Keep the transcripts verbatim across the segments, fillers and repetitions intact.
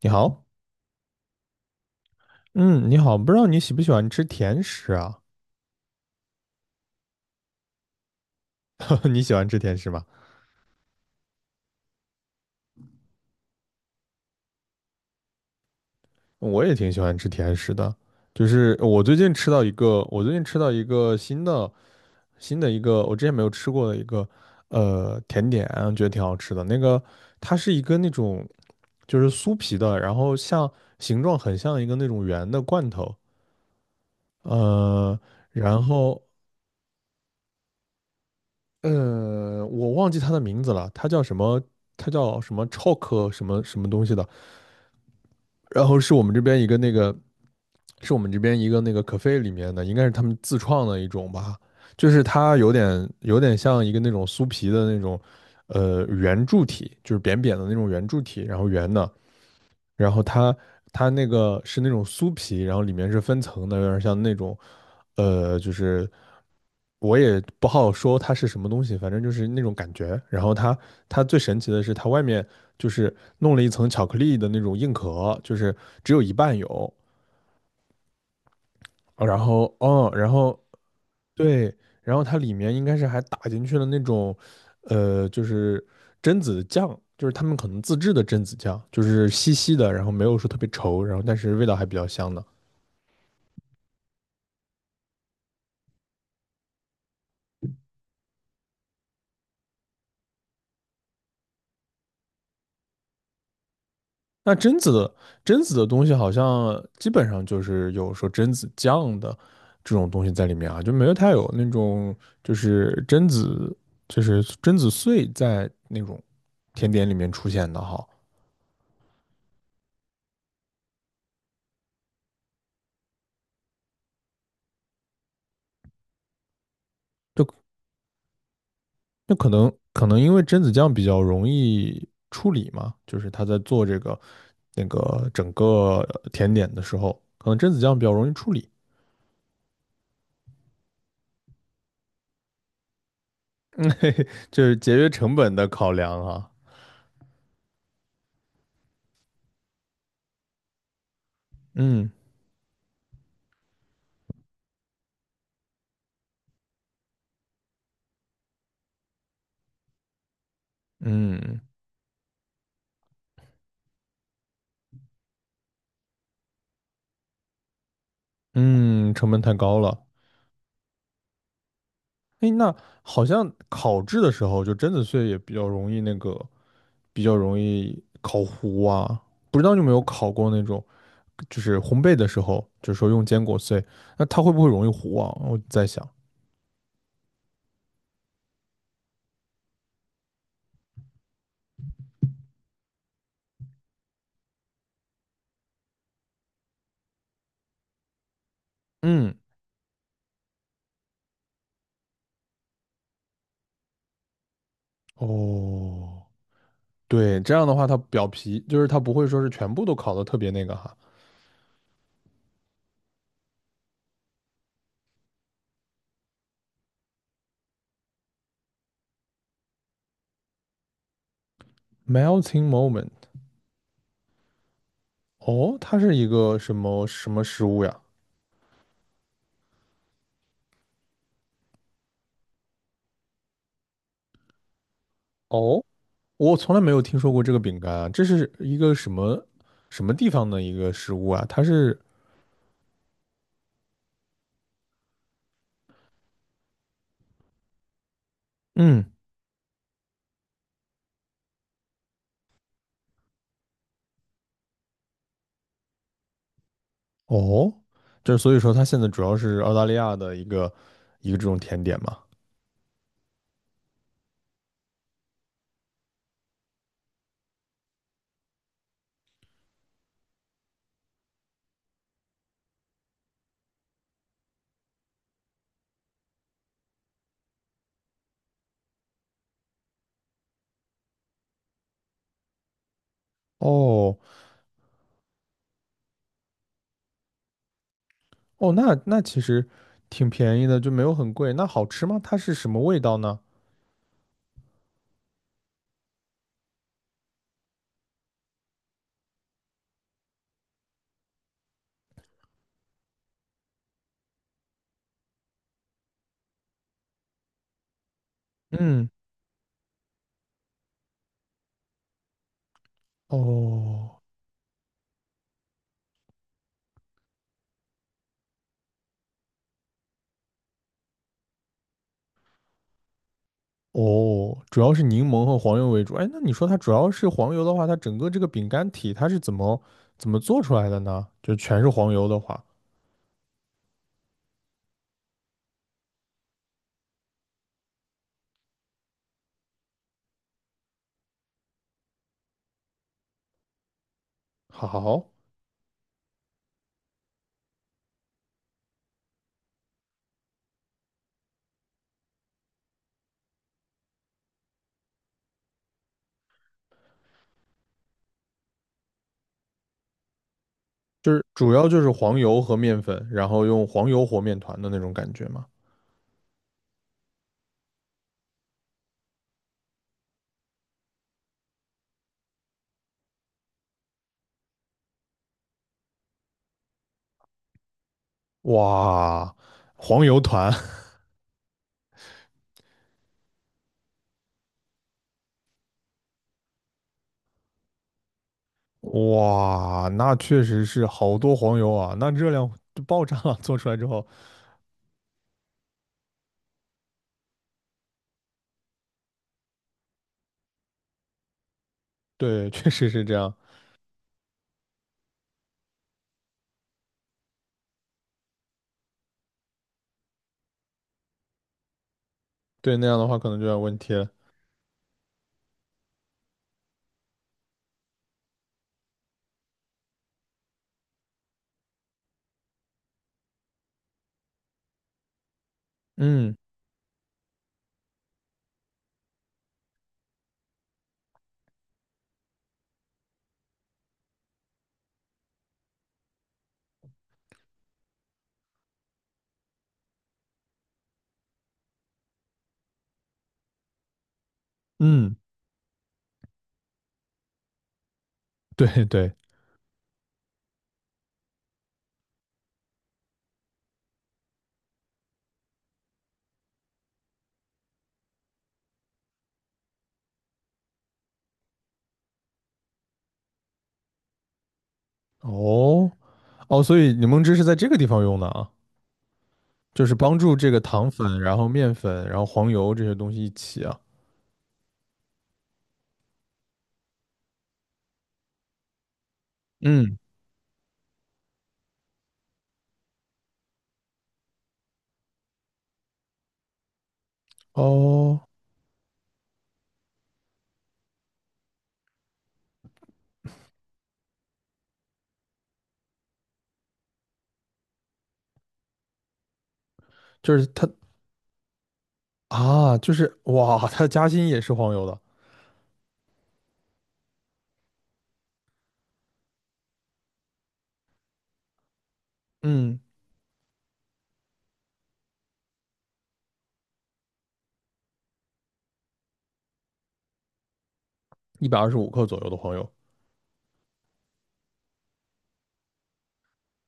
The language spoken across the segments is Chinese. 你好，嗯，你好，不知道你喜不喜欢吃甜食啊？你喜欢吃甜食吗？我也挺喜欢吃甜食的，就是我最近吃到一个，我最近吃到一个新的新的一个我之前没有吃过的一个呃甜点，觉得挺好吃的。那个它是一个那种就是酥皮的，然后像形状很像一个那种圆的罐头，呃，然后呃我忘记它的名字了，它叫什么？它叫什么 chalk 什么什么东西的。然后是我们这边一个那个，是我们这边一个那个 cafe 里面的，应该是他们自创的一种吧，就是它有点有点像一个那种酥皮的那种，呃，圆柱体，就是扁扁的那种圆柱体，然后圆的，然后它它那个是那种酥皮，然后里面是分层的，有点像那种，呃，就是我也不好说它是什么东西，反正就是那种感觉。然后它它最神奇的是，它外面就是弄了一层巧克力的那种硬壳，就是只有一半有。然后哦，然后对，然后它里面应该是还打进去了那种，呃，就是榛子酱，就是他们可能自制的榛子酱，就是稀稀的，然后没有说特别稠，然后但是味道还比较香的。那榛子榛子的东西好像基本上就是有说榛子酱的这种东西在里面啊，就没有太有那种就是榛子就是榛子碎在那种甜点里面出现的哈。就。那可能可能因为榛子酱比较容易处理嘛，就是他在做这个那个整个呃甜点的时候，可能榛子酱比较容易处理，这是节约成本的考量啊。嗯嗯嗯，成本太高了。哎，那好像烤制的时候，就榛子碎也比较容易那个，比较容易烤糊啊。不知道你有没有烤过那种，就是烘焙的时候，就是说用坚果碎，那它会不会容易糊啊？我在想，嗯。哦，对，这样的话，它表皮就是它不会说是全部都烤的特别那个哈。Melting moment，哦，它是一个什么什么食物呀？哦，我从来没有听说过这个饼干啊，这是一个什么什么地方的一个食物啊？它是，嗯，哦，就是所以说它现在主要是澳大利亚的一个一个这种甜点嘛。哦哦，那那其实挺便宜的，就没有很贵。那好吃吗？它是什么味道呢？嗯，哦。哦，主要是柠檬和黄油为主。哎，那你说它主要是黄油的话，它整个这个饼干体它是怎么怎么做出来的呢？就全是黄油的话，好，就是主要就是黄油和面粉，然后用黄油和面团的那种感觉吗？哇，黄油团，哇，那确实是好多黄油啊，那热量就爆炸了。做出来之后，对，确实是这样。对，那样的话可能就有点问题了。嗯嗯，对对，哦。哦，所以柠檬汁是在这个地方用的啊，就是帮助这个糖粉，然后面粉，然后黄油这些东西一起啊。嗯，哦，就是它啊，就是哇，它的夹心也是黄油的，嗯，一百二十五克左右的黄油。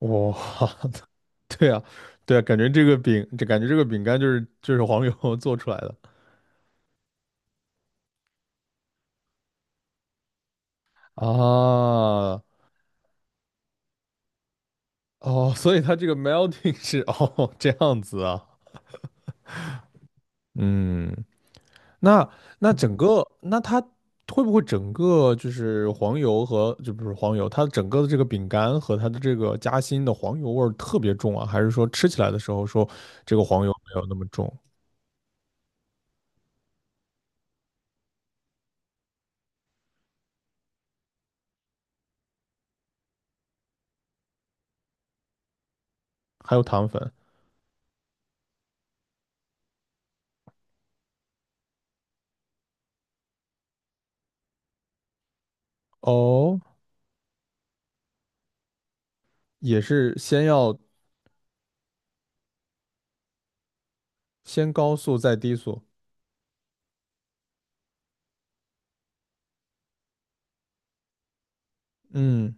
哇，对啊，对啊，感觉这个饼，这感觉这个饼干就是就是黄油 做出来的啊。哦，所以它这个 melting 是哦这样子啊，嗯，那那整个那它会不会整个就是黄油和就不是黄油，它整个的这个饼干和它的这个夹心的黄油味儿特别重啊？还是说吃起来的时候说这个黄油没有那么重？还有糖粉哦，也是先要先高速再低速，嗯，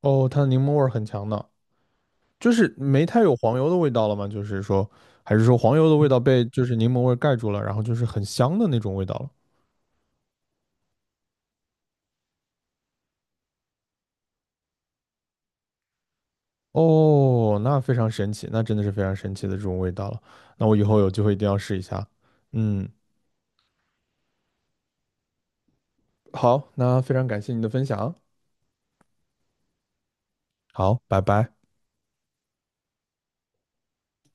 哦，它的柠檬味儿很强的，就是没太有黄油的味道了吗？就是说，还是说黄油的味道被就是柠檬味儿盖住了，然后就是很香的那种味道了？哦，那非常神奇，那真的是非常神奇的这种味道了。那我以后有机会一定要试一下。嗯，好，那非常感谢你的分享。好，拜拜。